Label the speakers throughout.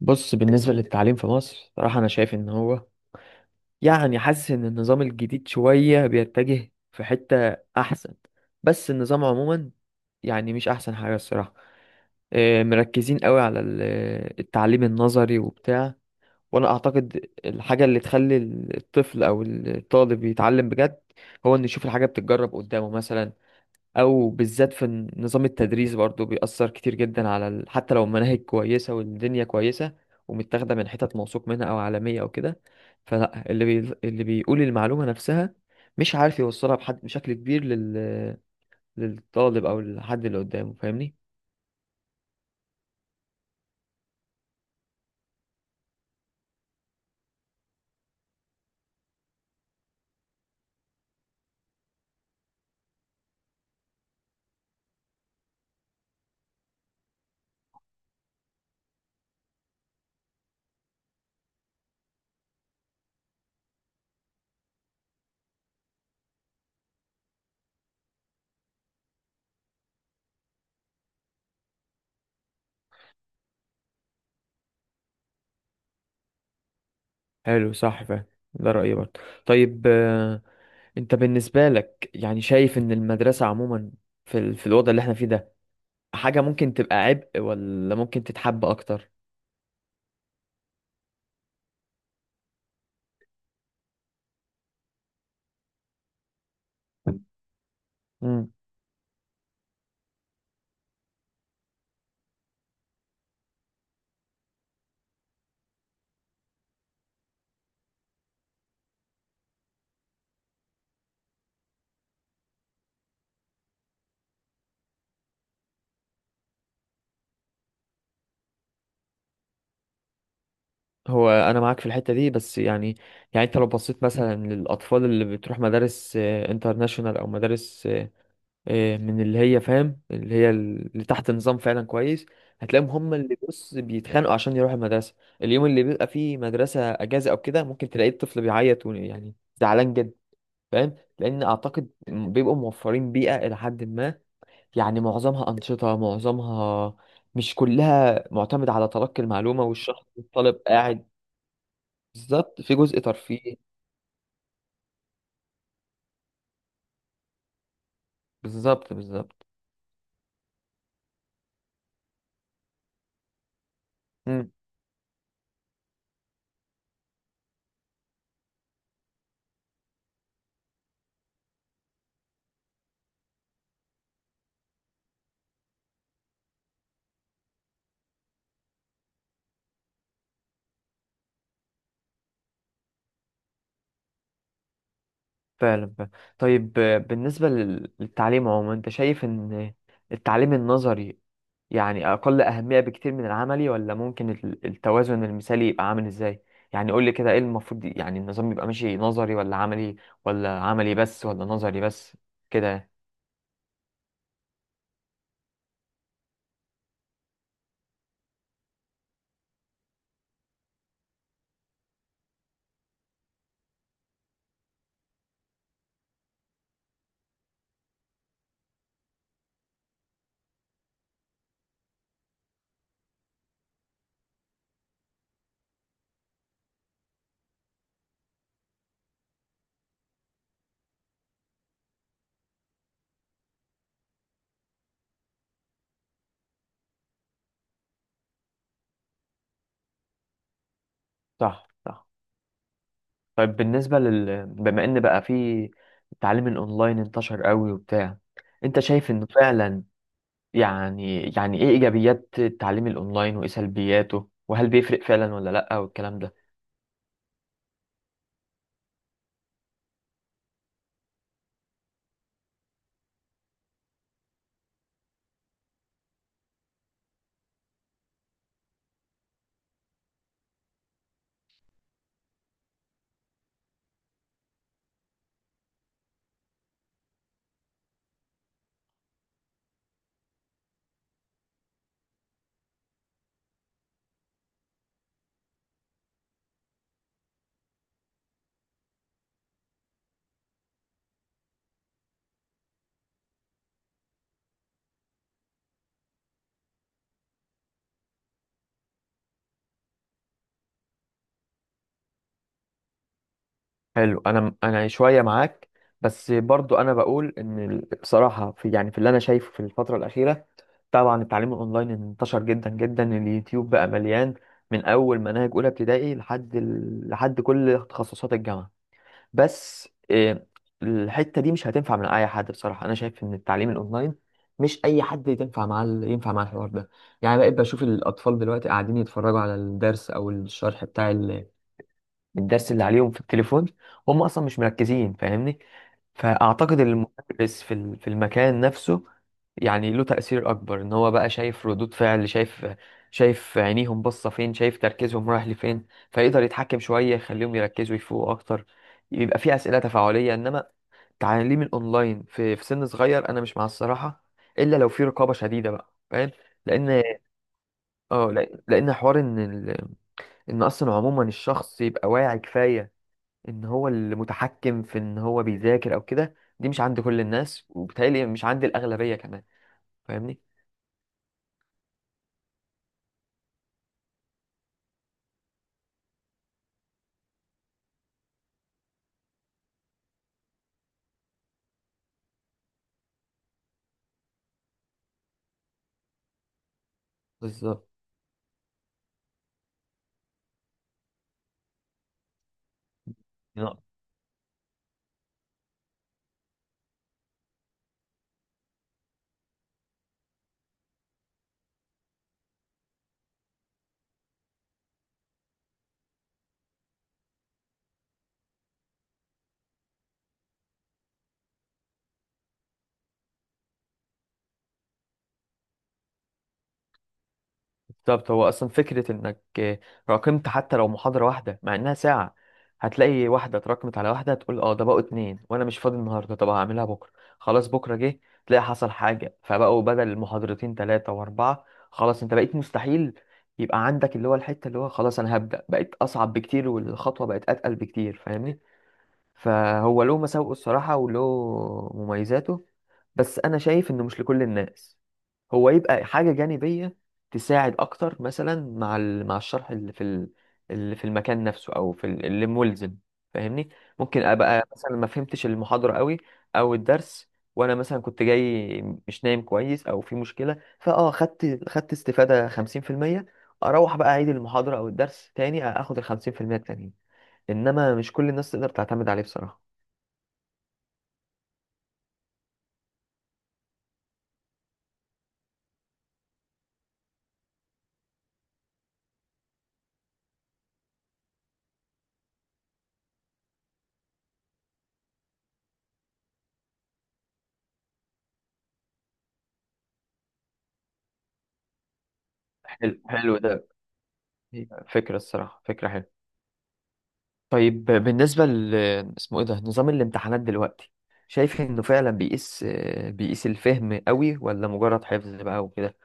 Speaker 1: بص، بالنسبة للتعليم في مصر صراحة أنا شايف إن هو يعني حاسس إن النظام الجديد شوية بيتجه في حتة أحسن. بس النظام عموما يعني مش أحسن حاجة الصراحة. مركزين قوي التعليم النظري وبتاع. وأنا أعتقد الحاجة اللي تخلي الطفل أو الطالب يتعلم بجد هو إنه يشوف الحاجة بتتجرب قدامه مثلا، او بالذات في نظام التدريس برضو بيأثر كتير جدا حتى لو المناهج كويسة والدنيا كويسة ومتاخدة من حتت موثوق منها او عالمية او كده. فلا اللي بيقول المعلومة نفسها مش عارف يوصلها بحد بشكل كبير للطالب او للحد اللي قدامه، فاهمني؟ حلو، صح، فاهم. ده رأيي برضه. طيب، انت بالنسبة لك يعني شايف ان المدرسة عموما في الوضع اللي احنا فيه ده حاجة ممكن تبقى عبء ولا ممكن تتحب اكتر؟ مم. هو انا معاك في الحته دي بس يعني، يعني انت لو بصيت مثلا للاطفال اللي بتروح مدارس انترناشونال او مدارس من اللي هي فاهم اللي هي اللي تحت نظام فعلا كويس، هتلاقيهم هم اللي بص بيتخانقوا عشان يروحوا المدرسه. اليوم اللي بيبقى فيه مدرسه اجازه او كده ممكن تلاقي الطفل بيعيط يعني زعلان جدا. فاهم، لان اعتقد بيبقوا موفرين بيئه الى حد ما، يعني معظمها انشطه، معظمها مش كلها معتمد على تلقي المعلومه والشخص الطالب قاعد. بالظبط، في جزء ترفيه. بالظبط بالظبط. امم. فعلا فعلا. طيب، بالنسبة للتعليم عموما انت شايف ان التعليم النظري يعني اقل اهمية بكتير من العملي، ولا ممكن التوازن المثالي يبقى عامل ازاي؟ يعني قول لي كده ايه المفروض، يعني النظام يبقى ماشي نظري ولا عملي، ولا عملي بس ولا نظري بس، كده. صح، صح. طيب، بالنسبة بما ان بقى في التعليم الاونلاين انتشر قوي وبتاع، انت شايف انه فعلا يعني ايه ايجابيات التعليم الاونلاين وايه سلبياته، وهل بيفرق فعلا ولا لا، والكلام ده؟ حلو. انا شويه معاك، بس برضو انا بقول ان بصراحه في، يعني في اللي انا شايفه في الفتره الاخيره، طبعا التعليم الاونلاين انتشر جدا جدا. اليوتيوب بقى مليان، من اول مناهج اولى ابتدائي لحد كل تخصصات الجامعه. بس الحتة دي مش هتنفع من أي حد. بصراحة أنا شايف إن التعليم الأونلاين مش أي حد ينفع ينفع مع الحوار ده. يعني بقيت بشوف الأطفال دلوقتي قاعدين يتفرجوا على الدرس أو الشرح بتاع الدرس اللي عليهم في التليفون، هم اصلا مش مركزين، فاهمني؟ فاعتقد ان المدرس في المكان نفسه يعني له تأثير اكبر، ان هو بقى شايف ردود فعل، شايف عينيهم باصه فين، شايف تركيزهم رايح لفين، فيقدر يتحكم شويه يخليهم يركزوا يفوقوا اكتر، يبقى في اسئله تفاعليه. انما تعليم الاونلاين في سن صغير انا مش مع الصراحه، الا لو في رقابه شديده بقى، فاهم؟ لان اه لان لأن حوار ان ان اصلا عموما الشخص يبقى واعي كفايه ان هو المتحكم في ان هو بيذاكر او كده، دي مش عند كل الناس، وبالتالي مش عند الاغلبيه كمان، فاهمني؟ بالظبط. نعم. بالظبط. هو اصلا فكره انك راكمت حتى لو محاضره واحده مع انها ساعه، هتلاقي واحده اتراكمت على واحده، تقول اه ده بقوا اتنين وانا مش فاضي النهارده، طب هعملها بكره، خلاص بكره جه تلاقي حصل حاجه فبقوا بدل محاضرتين ثلاثه واربعه، خلاص انت بقيت مستحيل يبقى عندك اللي هو الحته اللي هو خلاص انا هبدا، بقت اصعب بكتير والخطوه بقت اتقل بكتير، فاهمني؟ فهو له مساوئه الصراحة وله مميزاته، بس أنا شايف إنه مش لكل الناس. هو يبقى حاجة جانبية تساعد أكتر مثلا مع الشرح اللي اللي في المكان نفسه، أو اللي ملزم، فاهمني؟ ممكن أبقى مثلا ما فهمتش المحاضرة قوي أو الدرس، وأنا مثلا كنت جاي مش نايم كويس أو في مشكلة، فأه خدت استفادة 50%، أروح بقى أعيد المحاضرة أو الدرس تاني أخد ال 50% التانيين. انما مش كل الناس تقدر تعتمد عليه بصراحه. حلو، حلو ده. هي فكره الصراحه، فكره حلوه. طيب بالنسبه اسمه ايه ده، نظام الامتحانات دلوقتي شايف انه فعلا بيقيس، بيقيس الفهم قوي ولا مجرد حفظ بقى وكده؟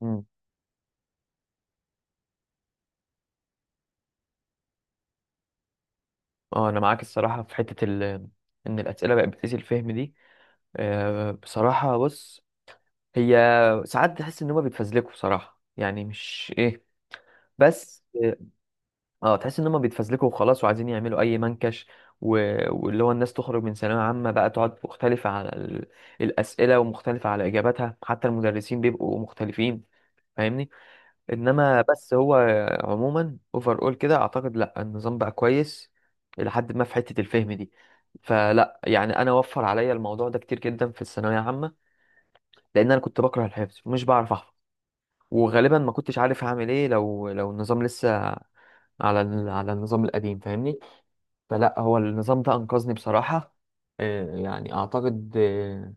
Speaker 1: مم. اه انا معاك الصراحه في حته ان الاسئله بقت بتقيس الفهم دي. آه بصراحه بص، هي ساعات تحس ان هما بيتفزلكوا بصراحه، يعني مش ايه، بس اه تحس ان هم بيتفزلكوا وخلاص وعايزين يعملوا اي منكش و... واللي هو الناس تخرج من ثانويه عامه بقى تقعد مختلفه على الاسئله ومختلفه على اجاباتها، حتى المدرسين بيبقوا مختلفين، فاهمني؟ انما بس هو عموما اوفر اول كده اعتقد لا النظام بقى كويس الى حد ما في حته الفهم دي. فلا يعني انا وفر عليا الموضوع ده كتير جدا في الثانويه العامه، لان انا كنت بكره الحفظ ومش بعرف احفظ، وغالبا ما كنتش عارف هعمل ايه لو النظام لسه على النظام القديم، فاهمني؟ فلا هو النظام ده انقذني بصراحة. يعني اعتقد،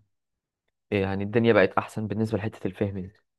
Speaker 1: يعني الدنيا بقت احسن بالنسبة لحتة الفهم دي.